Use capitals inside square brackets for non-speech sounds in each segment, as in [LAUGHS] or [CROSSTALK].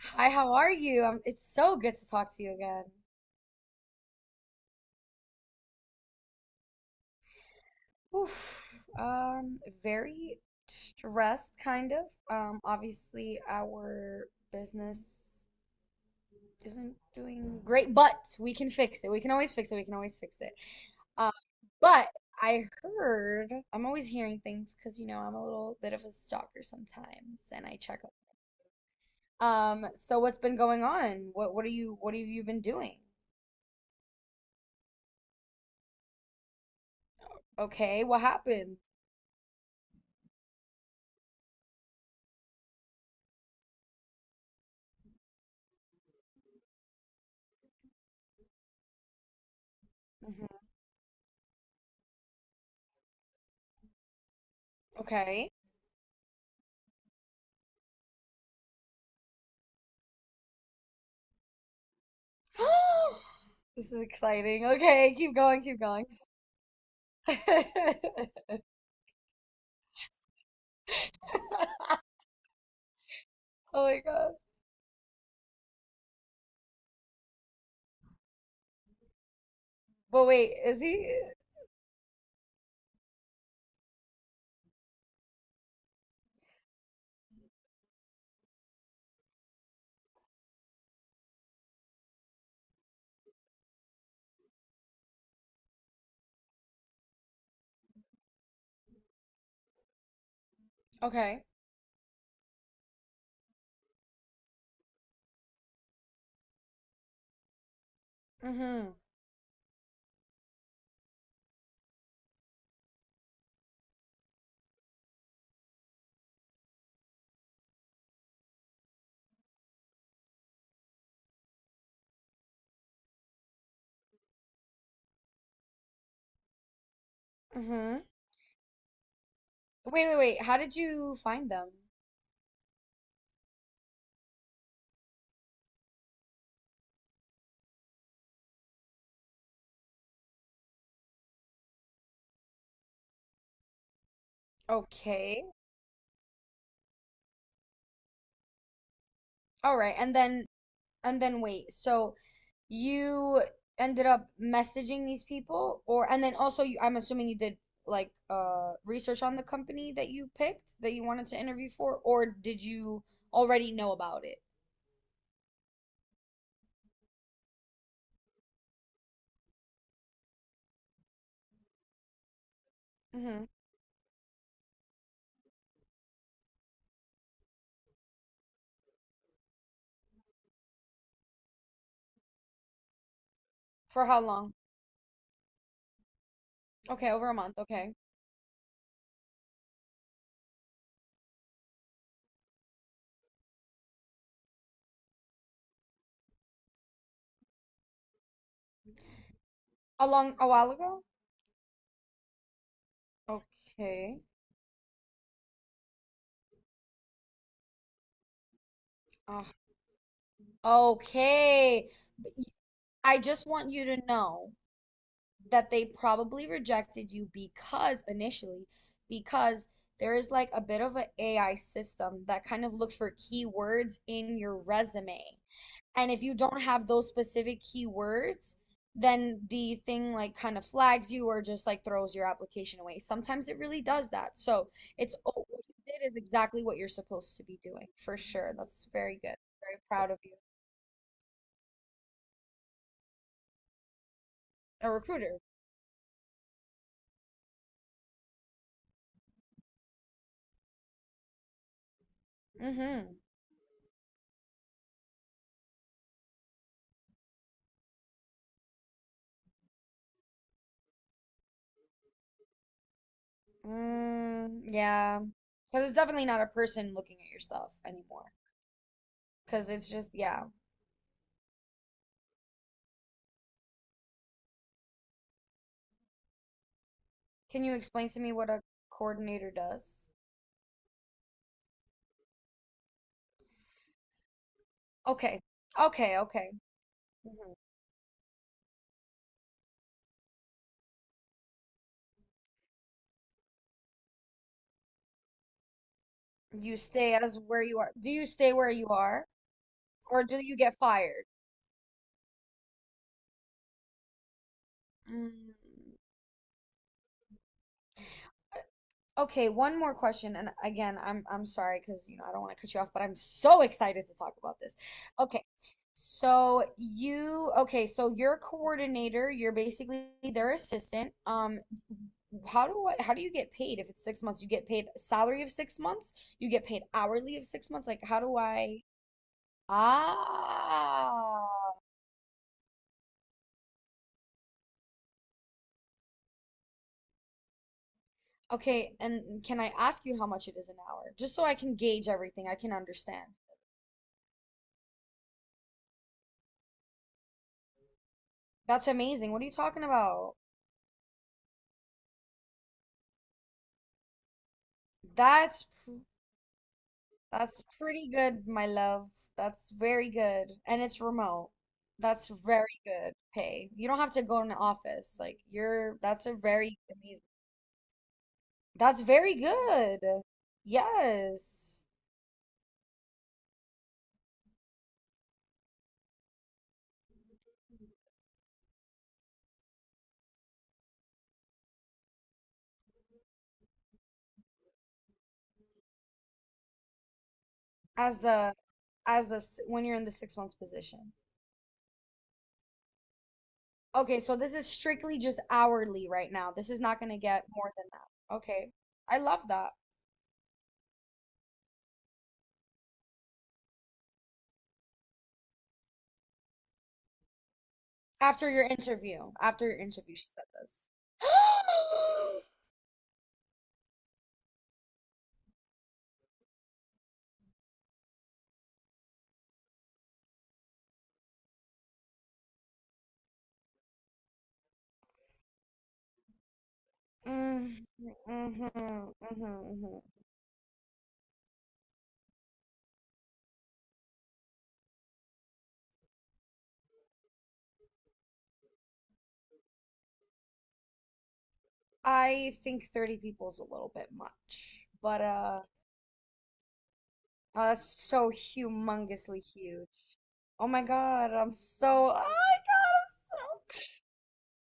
Hi, how are you? It's so good to talk to you again. Oof. Very stressed, kind of. Obviously our business isn't doing great, but we can fix it. We can always fix it. We can always fix it. Um, but I heard, I'm always hearing things because, I'm a little bit of a stalker sometimes, and I check up. So what's been going on? What are you what have you been doing? Okay, what happened? Hmm. Okay. [GASPS] This is exciting. Okay, keep going, keep going. [LAUGHS] Oh my God. But wait, is he okay? Mm-hmm. Mm-hmm. Wait, wait, wait. How did you find them? Okay. All right. And then wait. So you ended up messaging these people or and then also you, I'm assuming you did like research on the company that you picked that you wanted to interview for or did you already know about it? Mm-hmm. For how long? Okay, over a month. Okay. A while ago? Okay. Uh, okay. But y- I just want you to know that they probably rejected you because initially, because there is like a bit of an AI system that kind of looks for keywords in your resume. And if you don't have those specific keywords, then the thing like kind of flags you or just like throws your application away. Sometimes it really does that. So it's oh, what you did is exactly what you're supposed to be doing for sure. That's very good. Very proud of you. A recruiter. Mm-hmm. Mm, yeah. Because it's definitely not a person looking at your stuff anymore. Because it's just, yeah. Can you explain to me what a coordinator does? Okay. Okay. Okay. Hmm. You stay as where you are. Do you stay where you are, or do you get fired? Mm, okay, one more question, and again, I'm sorry because you know I don't want to cut you off, but I'm so excited to talk about this. Okay, so you okay, so your coordinator, you're basically their assistant. How do you get paid if it's 6 months? You get paid salary of 6 months? You get paid hourly of 6 months? Like how do I? Ah, okay, and can I ask you how much it is an hour? Just so I can gauge everything, I can understand. That's amazing. What are you talking about? That's pr- that's pretty good, my love. That's very good. And it's remote. That's very good pay. You don't have to go in the office. Like you're that's a very amazing. That's very good. Yes. As a when you're in the 6 months position. Okay, so this is strictly just hourly right now. This is not going to get more than that. Okay. I love that. After your interview, she said this. [GASPS] Mm, mhm, mhm, mhm. I think 30 people is a little bit much, but oh, that's so humongously huge. Oh my God, I'm so, oh my God, I'm so,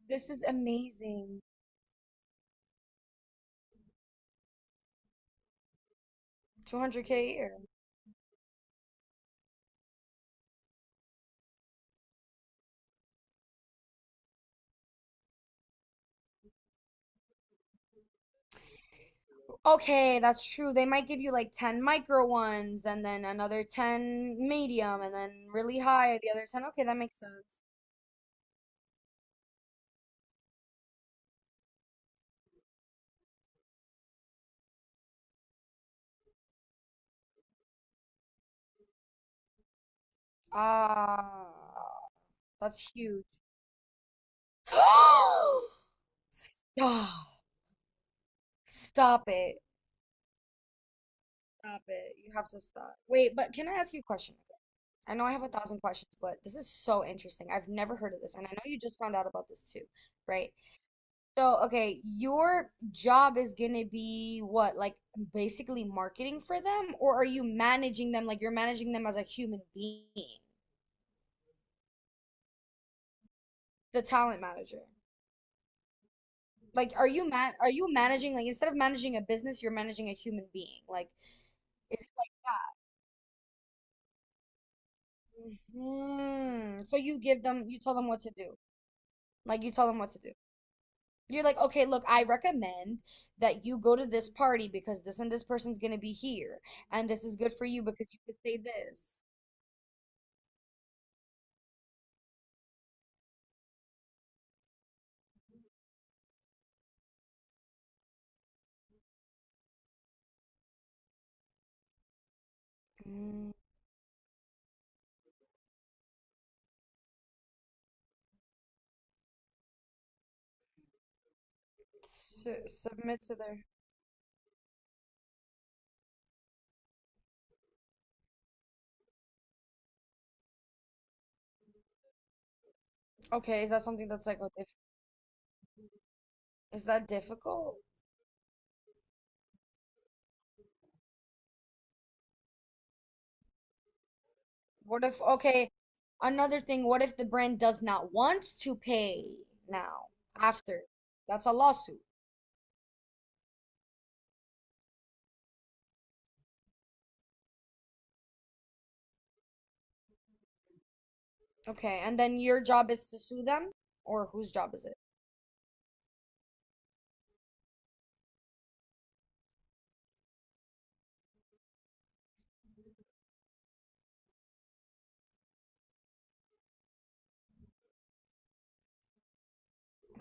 this is amazing. 200K a year. Okay, that's true. They might give you like 10 micro ones and then another 10 medium and then really high the other 10. Okay, that makes sense. Ah, that's huge. [GASPS] Stop. Stop it. Stop it. You have to stop. Wait, but can I ask you a question? I know I have a thousand questions, but this is so interesting. I've never heard of this, and I know you just found out about this too, right? So, okay, your job is gonna be what, like basically marketing for them, or are you managing them like you're managing them as a human being, the talent manager? Like, are you managing, like, instead of managing a business, you're managing a human being? Like, is it like that? Hmm. So you tell them what to do. Like you tell them what to do. You're like, okay, look, I recommend that you go to this party because this and this person's gonna be here, and this is good for you because you could say this. Mm. Submit to their. Okay, is that something that's like a diff is that difficult? What if, okay, another thing, what if the brand does not want to pay now after? That's a lawsuit. Okay, and then your job is to sue them? Or whose job is it?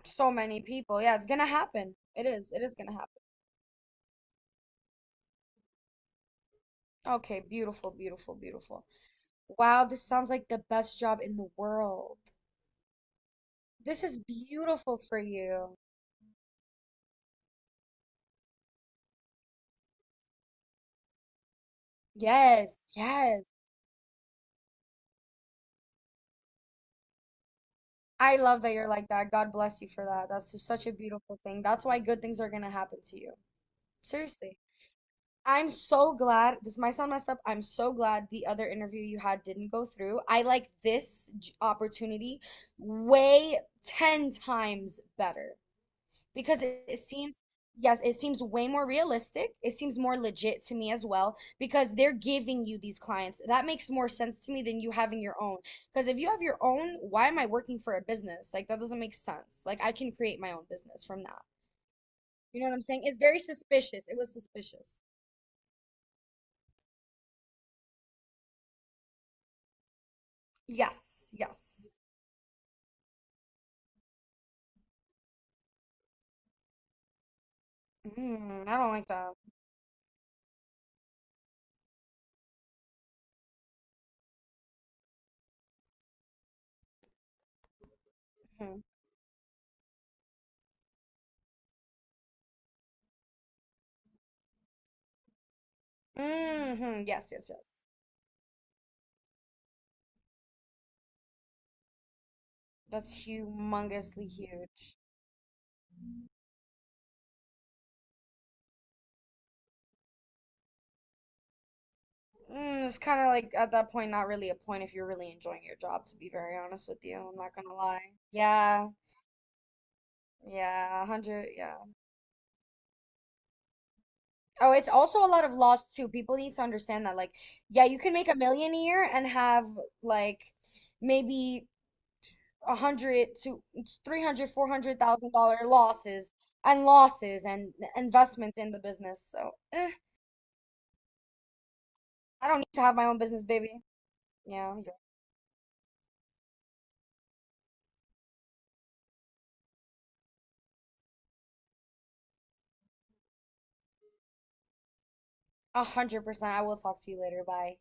So many people. Yeah, it's gonna happen. It is. It is gonna happen. Okay, beautiful, beautiful, beautiful. Wow, this sounds like the best job in the world. This is beautiful for you. Yes, yes. I love that you're like that. God bless you for that. That's just such a beautiful thing. That's why good things are gonna happen to you. Seriously. I'm so glad this might sound messed up. I'm so glad the other interview you had didn't go through. I like this opportunity way 10 times better, because it seems, yes, it seems way more realistic. It seems more legit to me as well, because they're giving you these clients. That makes more sense to me than you having your own, because if you have your own, why am I working for a business? Like, that doesn't make sense. Like, I can create my own business from that, you know what I'm saying? It's very suspicious. It was suspicious. Yes, yes. Mm, I don't like that. Mm-hmm. Mm-hmm. Yes, yes, yes. That's humongously huge. Mm, it's kind of like at that point, not really a point if you're really enjoying your job, to be very honest with you. I'm not gonna lie. Yeah, yeah, 100, yeah. Oh, it's also a lot of loss too. People need to understand that. Like, yeah, you can make 1 million a year and have like maybe 100 to 300, $400,000 losses and losses and investments in the business. So, I don't need to have my own business, baby. Yeah, 100%. I will talk to you later. Bye.